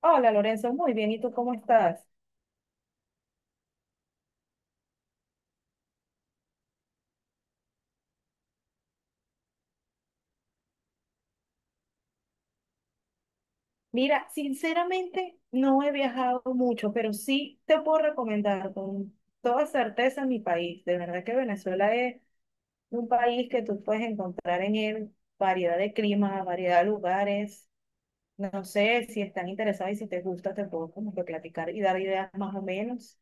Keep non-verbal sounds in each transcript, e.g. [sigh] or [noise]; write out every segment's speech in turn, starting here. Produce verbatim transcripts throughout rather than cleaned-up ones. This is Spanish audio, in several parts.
Hola Lorenzo, muy bien. ¿Y tú cómo estás? Mira, sinceramente no he viajado mucho, pero sí te puedo recomendar con toda certeza mi país. De verdad que Venezuela es un país que tú puedes encontrar en él variedad de climas, variedad de lugares. No sé si están interesados y si te gusta, te puedo como que platicar y dar ideas más o menos.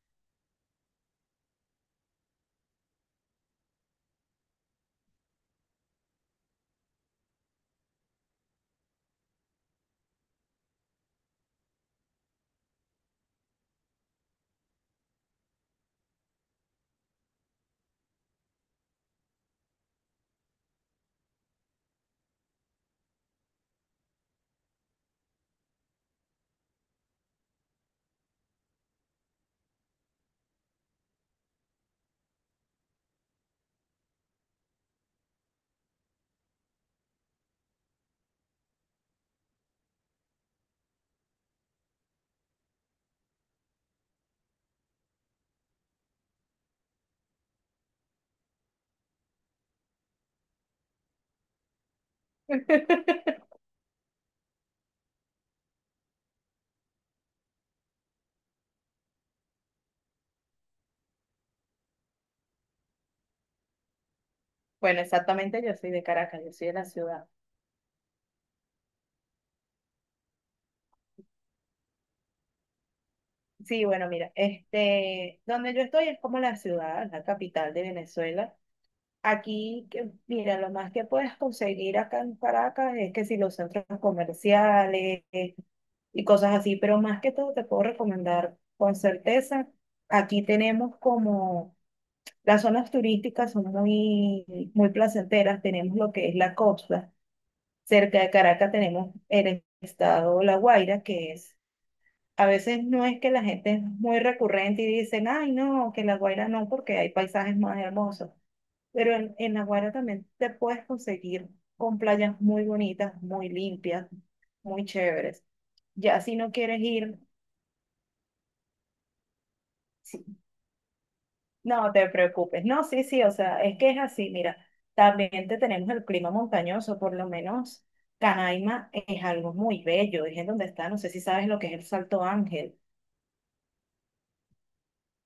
[laughs] Bueno, exactamente, yo soy de Caracas, yo soy de la ciudad. Sí, bueno, mira, este, donde yo estoy es como la ciudad, la capital de Venezuela. Aquí, que- mira, lo más que puedes conseguir acá en Caracas es que si los centros comerciales eh, y cosas así, pero más que todo te puedo recomendar con certeza. Aquí tenemos como las zonas turísticas son muy, muy placenteras. Tenemos lo que es la costa. Cerca de Caracas tenemos el estado La Guaira, que es, a veces no es que la gente es muy recurrente y dicen, ay, no, que La Guaira no, porque hay paisajes más hermosos. Pero en, en Aguara también te puedes conseguir con playas muy bonitas, muy limpias, muy chéveres. Ya si no quieres ir, sí, no te preocupes. No, sí, sí, o sea, es que es así, mira, también te tenemos el clima montañoso, por lo menos Canaima es algo muy bello, es en donde está, no sé si sabes lo que es el Salto Ángel.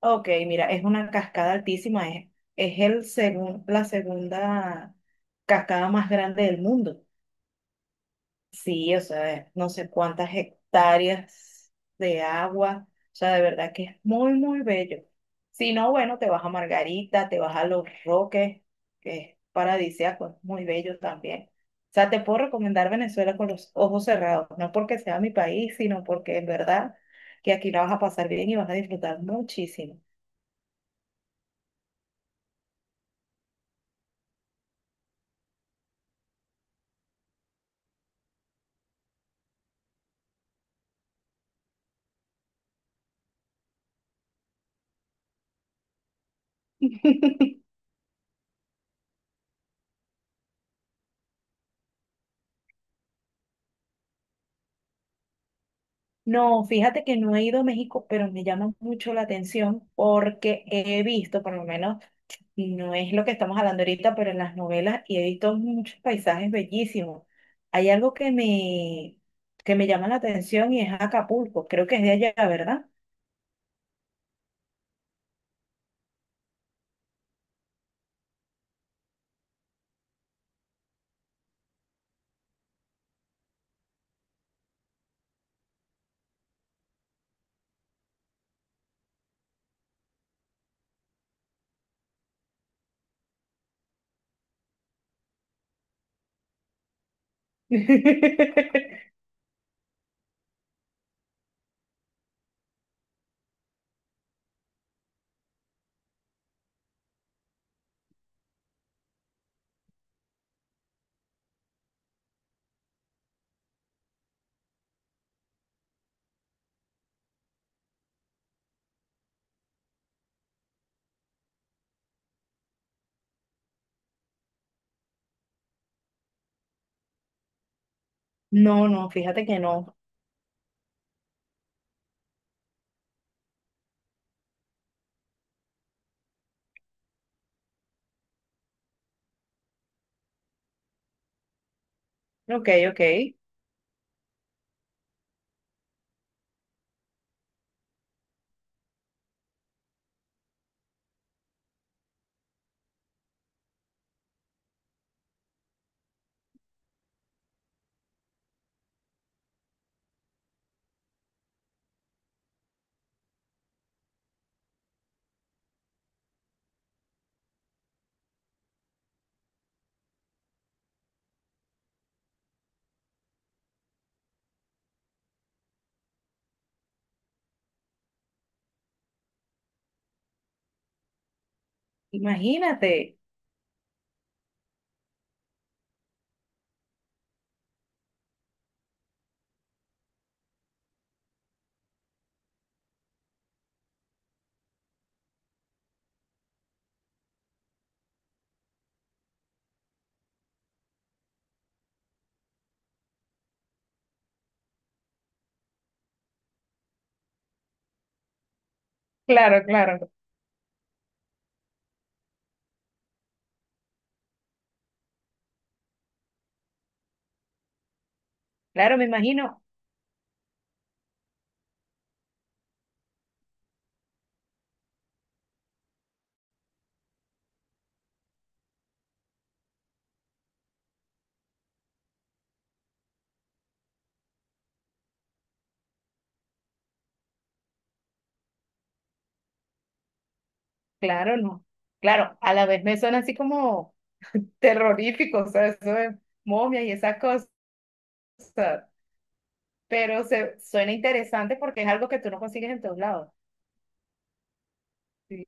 Ok, mira, es una cascada altísima, es, es el segun- la segunda cascada más grande del mundo. Sí, o sea, no sé cuántas hectáreas de agua, o sea, de verdad que es muy, muy bello. Si no, bueno, te vas a Margarita, te vas a Los Roques, que es paradisíaco, es muy bello también. O sea, te puedo recomendar Venezuela con los ojos cerrados, no porque sea mi país, sino porque en verdad que aquí la vas a pasar bien y vas a disfrutar muchísimo. [laughs] No, fíjate que no he ido a México, pero me llama mucho la atención porque he visto, por lo menos, no es lo que estamos hablando ahorita, pero en las novelas y he visto muchos paisajes bellísimos. Hay algo que me, que me llama la atención y es Acapulco. Creo que es de allá, ¿verdad? [laughs] No, no, fíjate que no. Ok, ok. Imagínate. Claro, claro. Claro, me imagino. Claro, no. Claro, a la vez me suena así como terrorífico, o sea, eso de momias y esas cosas. Pero se, suena interesante porque es algo que tú no consigues en todos lados. Sí.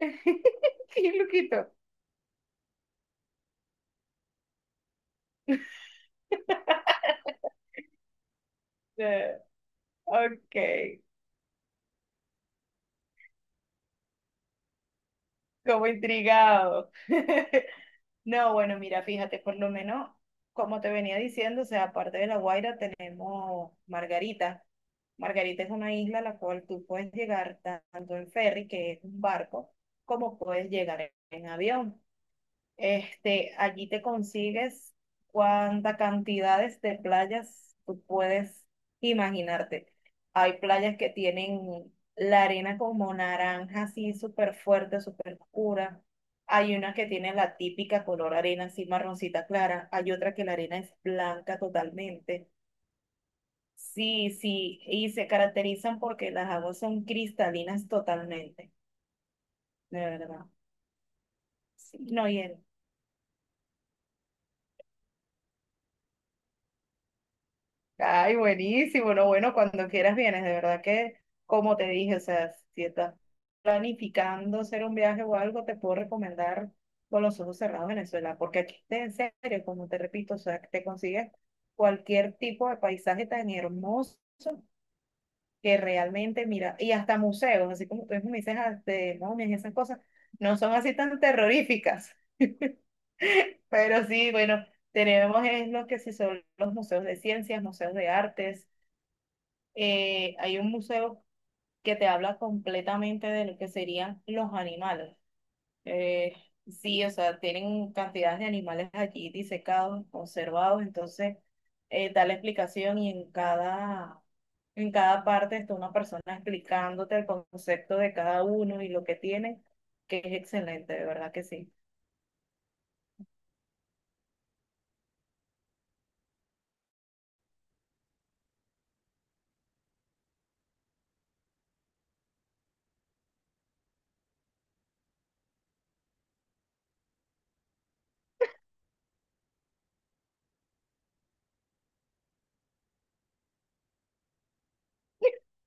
[laughs] Qué loquito. Eh, ok, como intrigado. [laughs] No, bueno, mira, fíjate, por lo menos, como te venía diciendo, o sea, aparte de La Guaira tenemos Margarita. Margarita es una isla a la cual tú puedes llegar tanto en ferry, que es un barco, como puedes llegar en avión. Este, allí te consigues cuántas cantidades de playas tú puedes imaginarte. Hay playas que tienen la arena como naranja, así súper fuerte, súper oscura. Hay una que tiene la típica color arena, así marroncita clara. Hay otra que la arena es blanca totalmente. Sí, sí, y se caracterizan porque las aguas son cristalinas totalmente, de verdad. Sí, no, y el- ay, buenísimo, no, bueno, cuando quieras vienes, de verdad que, como te dije, o sea, si estás planificando hacer un viaje o algo, te puedo recomendar con los ojos cerrados Venezuela, porque aquí, te- en serio, como te repito, o sea, te consigues cualquier tipo de paisaje tan hermoso que realmente, mira, y hasta museos, así como tú mismo me dices, ah, de momias y esas cosas, no son así tan terroríficas. [laughs] Pero sí, bueno, tenemos es lo que sí son los museos de ciencias, museos de artes, eh, hay un museo que te habla completamente de lo que serían los animales. Eh, sí, o sea, tienen cantidades de animales allí disecados, conservados, entonces eh, da la explicación y en cada, en cada parte está una persona explicándote el concepto de cada uno y lo que tiene, que es excelente, de verdad que sí.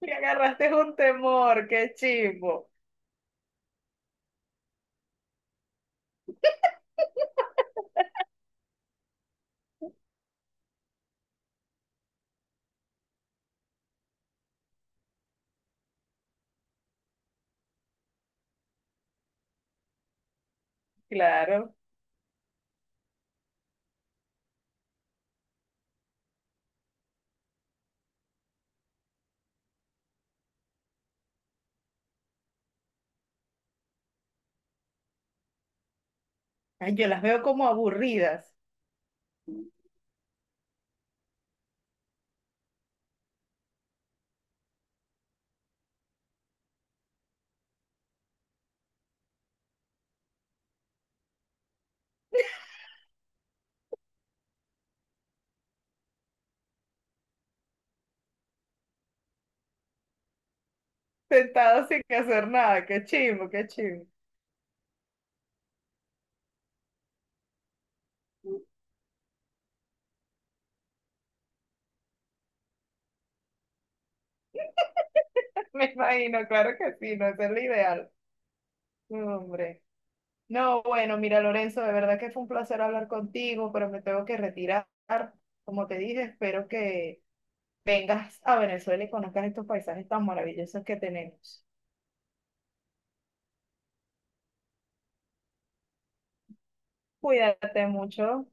Me agarraste un temor, qué chivo. Claro. Ay, yo las veo como aburridas. Sentado sin hacer nada. Qué chimbo, qué chimbo. [laughs] Me imagino, claro que sí, no, ese es lo ideal. No, hombre. No, bueno, mira, Lorenzo, de verdad que fue un placer hablar contigo, pero me tengo que retirar. Como te dije, espero que vengas a Venezuela y conozcas estos paisajes tan maravillosos que tenemos. Cuídate mucho.